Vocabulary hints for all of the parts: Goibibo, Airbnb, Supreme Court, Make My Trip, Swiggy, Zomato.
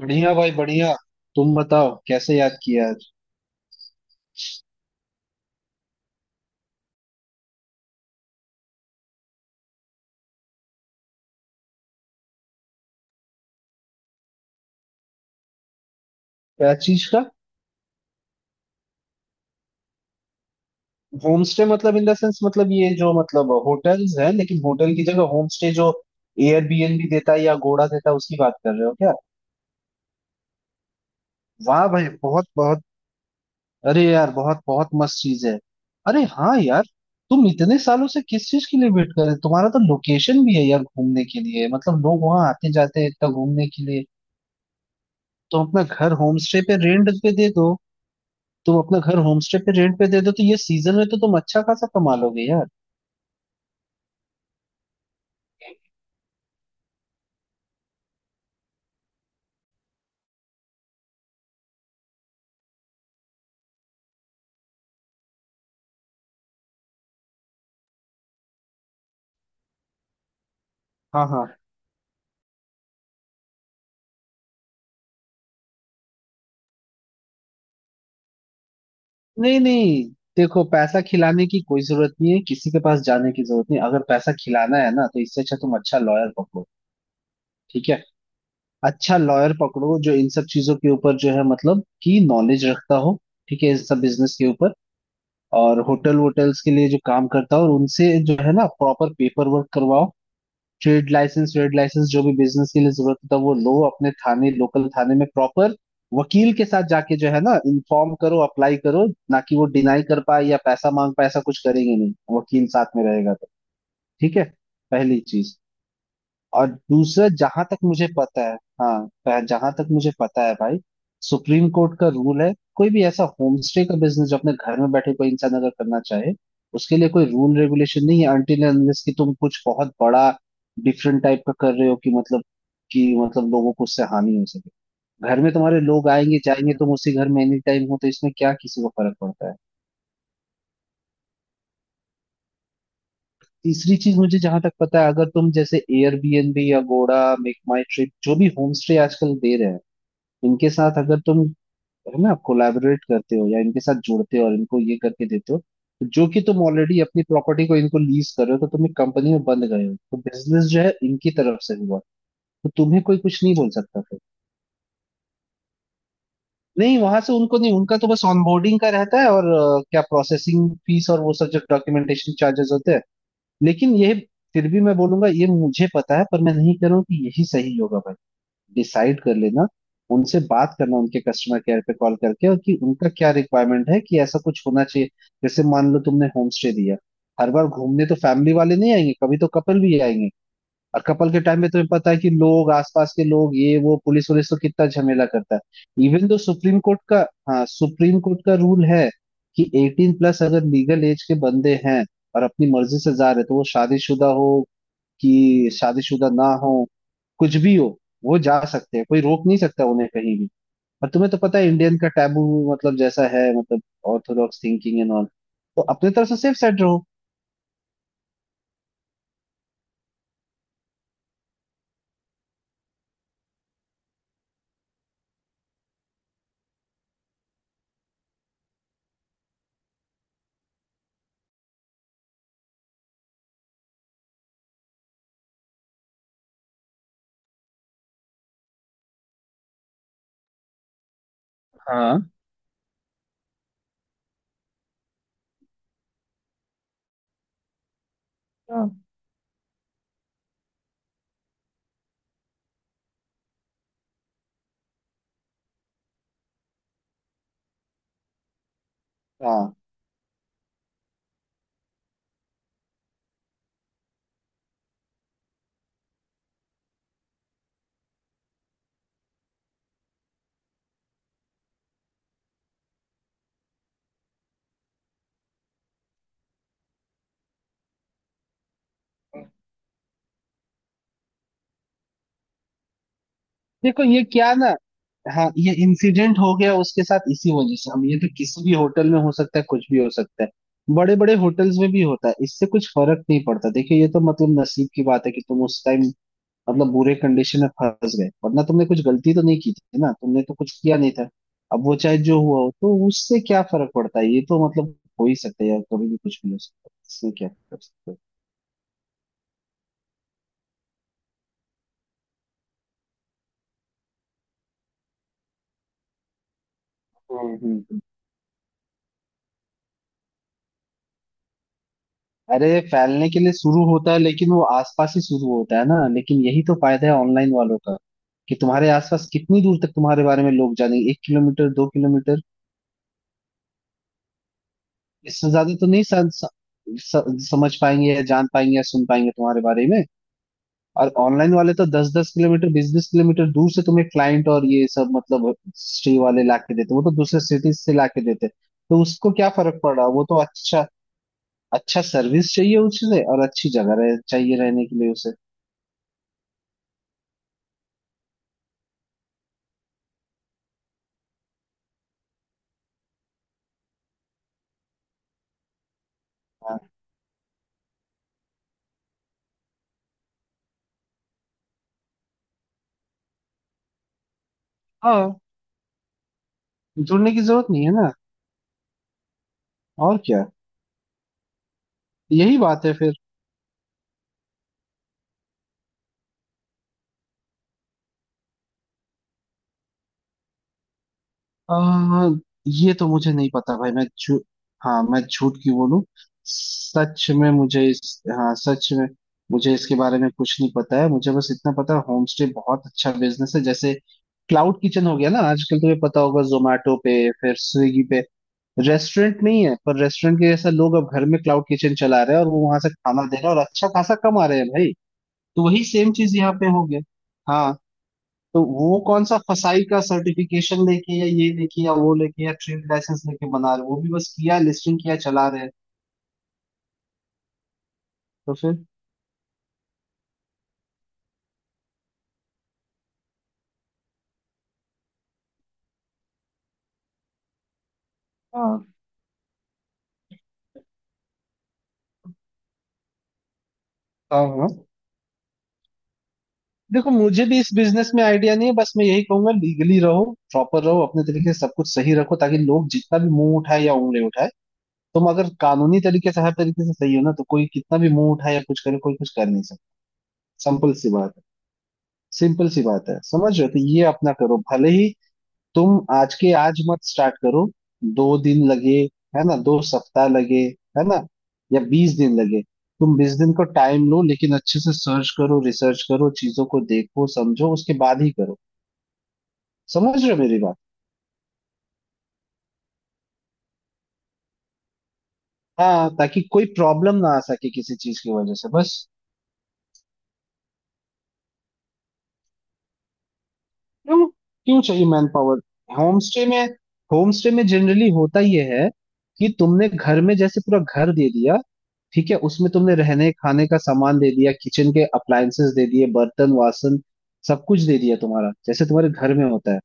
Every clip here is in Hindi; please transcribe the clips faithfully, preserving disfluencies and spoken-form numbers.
बढ़िया भाई बढ़िया। तुम बताओ कैसे याद किया आज। क्या चीज का। होम स्टे मतलब इन द सेंस मतलब ये जो मतलब होटल्स है लेकिन होटल की जगह होम स्टे जो एयरबीएनबी देता है या गोड़ा देता है उसकी बात कर रहे हो क्या। वाह भाई बहुत बहुत। अरे यार बहुत बहुत मस्त चीज है। अरे हाँ यार, तुम इतने सालों से किस चीज के लिए वेट कर रहे हो? तुम्हारा तो लोकेशन भी है यार घूमने के लिए, मतलब लोग वहां आते जाते हैं इतना घूमने के लिए। तो अपना घर होम स्टे पे रेंट पे दे दो। तुम अपना घर होमस्टे पे रेंट पे दे दो तो ये सीजन में तो तुम अच्छा खासा कमा लोगे यार। हाँ हाँ। नहीं नहीं, देखो पैसा खिलाने की कोई जरूरत नहीं है, किसी के पास जाने की जरूरत नहीं। अगर पैसा खिलाना है ना तो इससे अच्छा तुम अच्छा लॉयर पकड़ो। ठीक है। अच्छा लॉयर पकड़ो जो इन सब चीजों के ऊपर जो है मतलब कि नॉलेज रखता हो। ठीक है, इन सब बिजनेस के ऊपर और होटल वोटल्स के लिए जो काम करता हो, और उनसे जो है ना प्रॉपर पेपर वर्क करवाओ। ट्रेड लाइसेंस, ट्रेड लाइसेंस जो भी बिजनेस के लिए जरूरत होता है वो लो। अपने थाने, लोकल थाने में प्रॉपर वकील के साथ जाके जो है ना इन्फॉर्म करो, अप्लाई करो। ना कि वो डिनाई कर पाए या पैसा मांग पाए, ऐसा कुछ करेंगे नहीं वकील साथ में रहेगा तो। ठीक है। पहली चीज। और दूसरा, जहां तक मुझे पता है, हाँ पह- जहां तक मुझे पता है भाई, सुप्रीम कोर्ट का रूल है कोई भी ऐसा होम स्टे का बिजनेस जो अपने घर में बैठे कोई इंसान अगर करना चाहे, उसके लिए कोई रूल रेगुलेशन नहीं है। अनटिल एंड अनलेस कि तुम कुछ बहुत बड़ा डिफरेंट टाइप का कर रहे हो कि मतलब कि मतलब लोगों को उससे हानि हो सके। घर में तुम्हारे लोग आएंगे जाएंगे, तुम उसी घर में एनी टाइम हो, तो इसमें क्या किसी को फर्क पड़ता है। तीसरी चीज मुझे जहां तक पता है, अगर तुम जैसे एयरबीएनबी या गोड़ा, मेक माई ट्रिप, जो भी होम स्टे आजकल दे रहे हैं, इनके साथ अगर तुम है ना कोलैबोरेट करते हो या इनके साथ जुड़ते हो और इनको ये करके देते हो, तो जो कि तुम ऑलरेडी अपनी प्रॉपर्टी को इनको लीज कर रहे हो, तो तुम एक कंपनी में बंद गए हो, तो बिजनेस जो है इनकी तरफ से हुआ। तो तुम्हें कोई कुछ नहीं बोल सकता फिर। नहीं, वहां से उनको नहीं, उनका तो बस ऑनबोर्डिंग का रहता है और अ, क्या प्रोसेसिंग फीस और वो सब जो डॉक्यूमेंटेशन चार्जेस होते हैं। लेकिन यह, फिर भी मैं बोलूंगा ये मुझे पता है पर मैं नहीं कह रहा हूँ कि यही सही होगा भाई। डिसाइड कर लेना। उनसे बात करना, उनके कस्टमर केयर पे कॉल करके, और कि उनका क्या रिक्वायरमेंट है, कि ऐसा कुछ होना चाहिए। जैसे मान लो तुमने होम स्टे दिया। हर बार घूमने तो फैमिली वाले नहीं आएंगे, कभी तो कपल भी आएंगे। और कपल के टाइम में तुम्हें पता है कि लोग, आसपास के लोग, ये वो पुलिस वुलिस तो कितना झमेला करता है। इवन तो सुप्रीम कोर्ट का, हाँ सुप्रीम कोर्ट का रूल है कि एटीन प्लस अगर लीगल एज के बंदे हैं और अपनी मर्जी से जा रहे, तो वो शादीशुदा हो कि शादीशुदा ना हो, कुछ भी हो, वो जा सकते हैं, कोई रोक नहीं सकता उन्हें कहीं भी। और तुम्हें तो पता है इंडियन का टैबू, मतलब जैसा है, मतलब ऑर्थोडॉक्स थिंकिंग एंड ऑल। तो अपने तरफ से सेफ साइड रहो। हाँ हाँ हाँ। देखो ये क्या ना, हाँ ये इंसिडेंट हो गया उसके साथ इसी वजह से। अब ये तो किसी भी होटल में हो सकता है, कुछ भी हो सकता है, बड़े बड़े होटल्स में भी होता है, इससे कुछ फर्क नहीं पड़ता। देखिए ये तो मतलब नसीब की बात है कि तुम उस टाइम मतलब बुरे कंडीशन में फंस गए, वरना तुमने कुछ गलती तो नहीं की थी ना, तुमने तो कुछ किया नहीं था। अब वो चाहे जो हुआ हो तो उससे क्या फर्क पड़ता है, ये तो मतलब हो ही सकता है यार, कभी भी कुछ भी हो सकता है, इसमें क्या कर सकते हैं। हम्म हम्म। अरे फैलने के लिए शुरू होता है लेकिन वो आसपास ही शुरू होता है ना। लेकिन यही तो फायदा है ऑनलाइन वालों का, कि तुम्हारे आसपास कितनी दूर तक तुम्हारे बारे में लोग जानेंगे, एक किलोमीटर, दो किलोमीटर, इससे ज्यादा तो नहीं स, स, स, समझ पाएंगे या जान पाएंगे या सुन पाएंगे तुम्हारे बारे में। और ऑनलाइन वाले तो दस दस किलोमीटर, बीस बीस किलोमीटर दूर से तुम्हें क्लाइंट और ये सब, मतलब स्ट्री वाले ला के देते, वो तो दूसरे सिटीज से ला के देते, तो उसको क्या फर्क पड़ रहा, वो तो अच्छा, अच्छा सर्विस चाहिए उससे और अच्छी जगह रह, चाहिए रहने के लिए उसे। हाँ, जुड़ने की जरूरत नहीं है ना। और क्या। यही बात है फिर। आ, ये तो मुझे नहीं पता भाई, मैं झू हाँ मैं झूठ क्यों बोलूं, सच में मुझे इस, हाँ सच में मुझे इसके बारे में कुछ नहीं पता है। मुझे बस इतना पता है होम स्टे बहुत अच्छा बिजनेस है, जैसे क्लाउड किचन हो गया ना आजकल, तुम्हें पता होगा जोमेटो पे फिर स्विगी पे, रेस्टोरेंट नहीं है पर रेस्टोरेंट के जैसा लोग अब घर में क्लाउड किचन चला रहे हैं, और वो वहां से खाना दे रहे हैं और अच्छा खासा कमा रहे हैं भाई। तो वही सेम चीज यहाँ पे हो गया। हाँ। तो वो कौन सा फसाई का सर्टिफिकेशन लेके या ये लेके या वो लेके या ट्रेड लाइसेंस लेके बना रहे हैं? वो भी बस किया लिस्टिंग, किया चला रहे हैं। तो फिर, हाँ हाँ हाँ, देखो मुझे भी इस बिजनेस में आइडिया नहीं है, बस मैं यही कहूंगा लीगली रहो, प्रॉपर रहो, अपने तरीके से सब कुछ सही रखो ताकि लोग जितना भी मुंह उठाए या उंगली उठाए, तुम अगर कानूनी तरीके से हर तरीके से सही हो ना तो कोई कितना भी मुंह उठाए या कुछ करे, कोई कुछ कर नहीं सकता। सिंपल सी बात है। सिंपल सी बात है, समझ रहे हो, तो ये अपना करो भले ही तुम आज के आज मत स्टार्ट करो, दो दिन लगे है ना, दो सप्ताह लगे है ना, या बीस दिन लगे। तुम बीस दिन को टाइम लो लेकिन अच्छे से सर्च करो, रिसर्च करो, चीजों को देखो समझो उसके बाद ही करो। समझ रहे हो मेरी बात? हाँ ताकि कोई प्रॉब्लम ना आ सके किसी चीज की वजह से बस। क्यों क्यों चाहिए मैन पावर होम स्टे में। होम स्टे में जनरली होता यह है कि तुमने घर में जैसे पूरा घर दे दिया, ठीक है, उसमें तुमने रहने खाने का सामान दे दिया, किचन के अप्लायंसेस दे दिए, बर्तन वासन सब कुछ दे दिया तुम्हारा, जैसे तुम्हारे घर में होता है।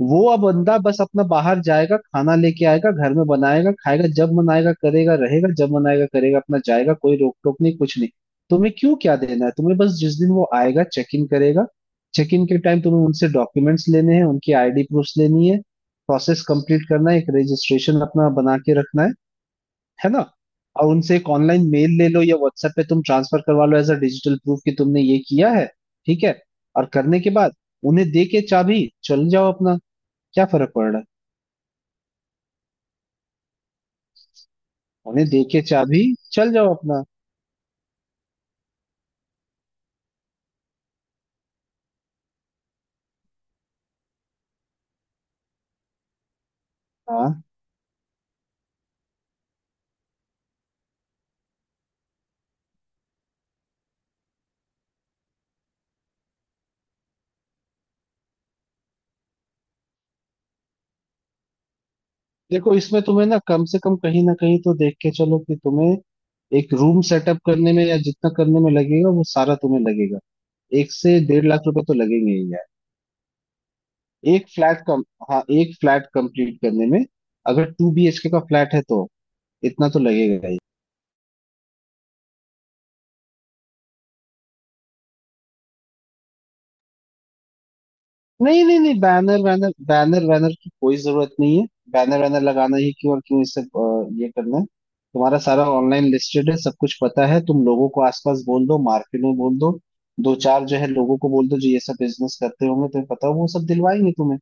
वो अब बंदा बस अपना बाहर जाएगा, खाना लेके आएगा, घर में बनाएगा, खाएगा, जब मन आएगा करेगा, रहेगा जब मन आएगा करेगा, अपना जाएगा, कोई रोक टोक नहीं, कुछ नहीं। तुम्हें क्यों क्या देना है, तुम्हें बस जिस दिन वो आएगा चेक इन करेगा, चेक इन के टाइम तुम्हें उनसे डॉक्यूमेंट्स लेने हैं, उनकी आईडी प्रूफ लेनी है, प्रोसेस कंप्लीट करना है, एक रजिस्ट्रेशन अपना बना के रखना है है ना। और उनसे एक ऑनलाइन मेल ले लो, या व्हाट्सएप पे तुम ट्रांसफर करवा लो एज अ डिजिटल प्रूफ कि तुमने ये किया है। ठीक है। और करने के बाद उन्हें दे के चाबी, चल जाओ अपना, क्या फर्क पड़ रहा है। उन्हें दे के चाबी चल जाओ अपना। हाँ देखो इसमें तुम्हें ना कम से कम कहीं ना कहीं तो देख के चलो कि तुम्हें एक रूम सेटअप करने में या जितना करने में लगेगा, वो सारा तुम्हें लगेगा एक से डेढ़ लाख रुपए तो लगेंगे ही यार। एक फ्लैट कम, हाँ एक फ्लैट कंप्लीट करने में, अगर टू बी एच के का फ्लैट है तो इतना तो लगेगा ही। नहीं नहीं नहीं बैनर वैनर बैनर वैनर की कोई जरूरत नहीं है। बैनर वैनर लगाना ही क्यों और क्यों इससे, अ, ये करना है, तुम्हारा सारा ऑनलाइन लिस्टेड है, सब कुछ पता है, तुम लोगों को आसपास बोल दो, मार्केट में बोल दो, दो चार जो है लोगों को बोल दो, जो ये सब बिजनेस करते होंगे तुम्हें पता हो, वो सब दिलवाएंगे तुम्हें।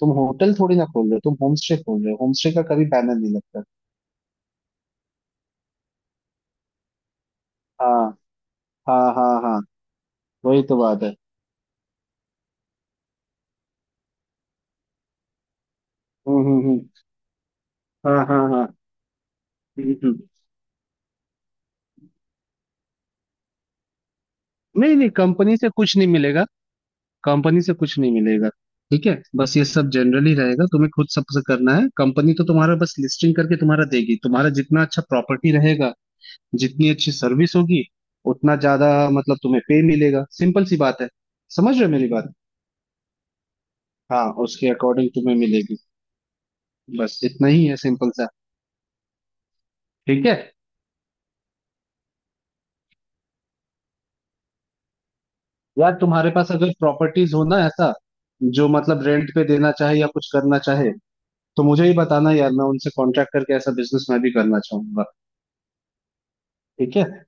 तुम होटल थोड़ी ना खोल रहे हो, तुम होम स्टे खोल रहे हो, होम स्टे का कभी बैनर नहीं लगता। हाँ हाँ हाँ हाँ। वही तो बात है। हम्म हम्म हम्म। हाँ हाँ हाँ। हम्म हम्म। नहीं नहीं कंपनी से कुछ नहीं मिलेगा, कंपनी से कुछ नहीं मिलेगा। ठीक है, बस ये सब जनरली रहेगा, तुम्हें खुद सबसे करना है। कंपनी तो तुम्हारा बस लिस्टिंग करके तुम्हारा देगी, तुम्हारा जितना अच्छा प्रॉपर्टी रहेगा, जितनी अच्छी सर्विस होगी, उतना ज्यादा मतलब तुम्हें पे मिलेगा, सिंपल सी बात है। समझ रहे हो मेरी बात? हाँ उसके अकॉर्डिंग तुम्हें मिलेगी। बस इतना ही है, सिंपल सा। ठीक है, यार तुम्हारे पास अगर प्रॉपर्टीज हो ना ऐसा, जो मतलब रेंट पे देना चाहे या कुछ करना चाहे, तो मुझे ही बताना यार, मैं उनसे कॉन्ट्रैक्ट करके ऐसा बिजनेस मैं भी करना चाहूंगा। ठीक है।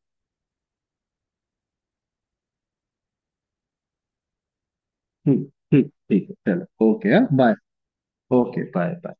हम्म, हम्म, ठीक है चलो okay bye. Okay bye bye.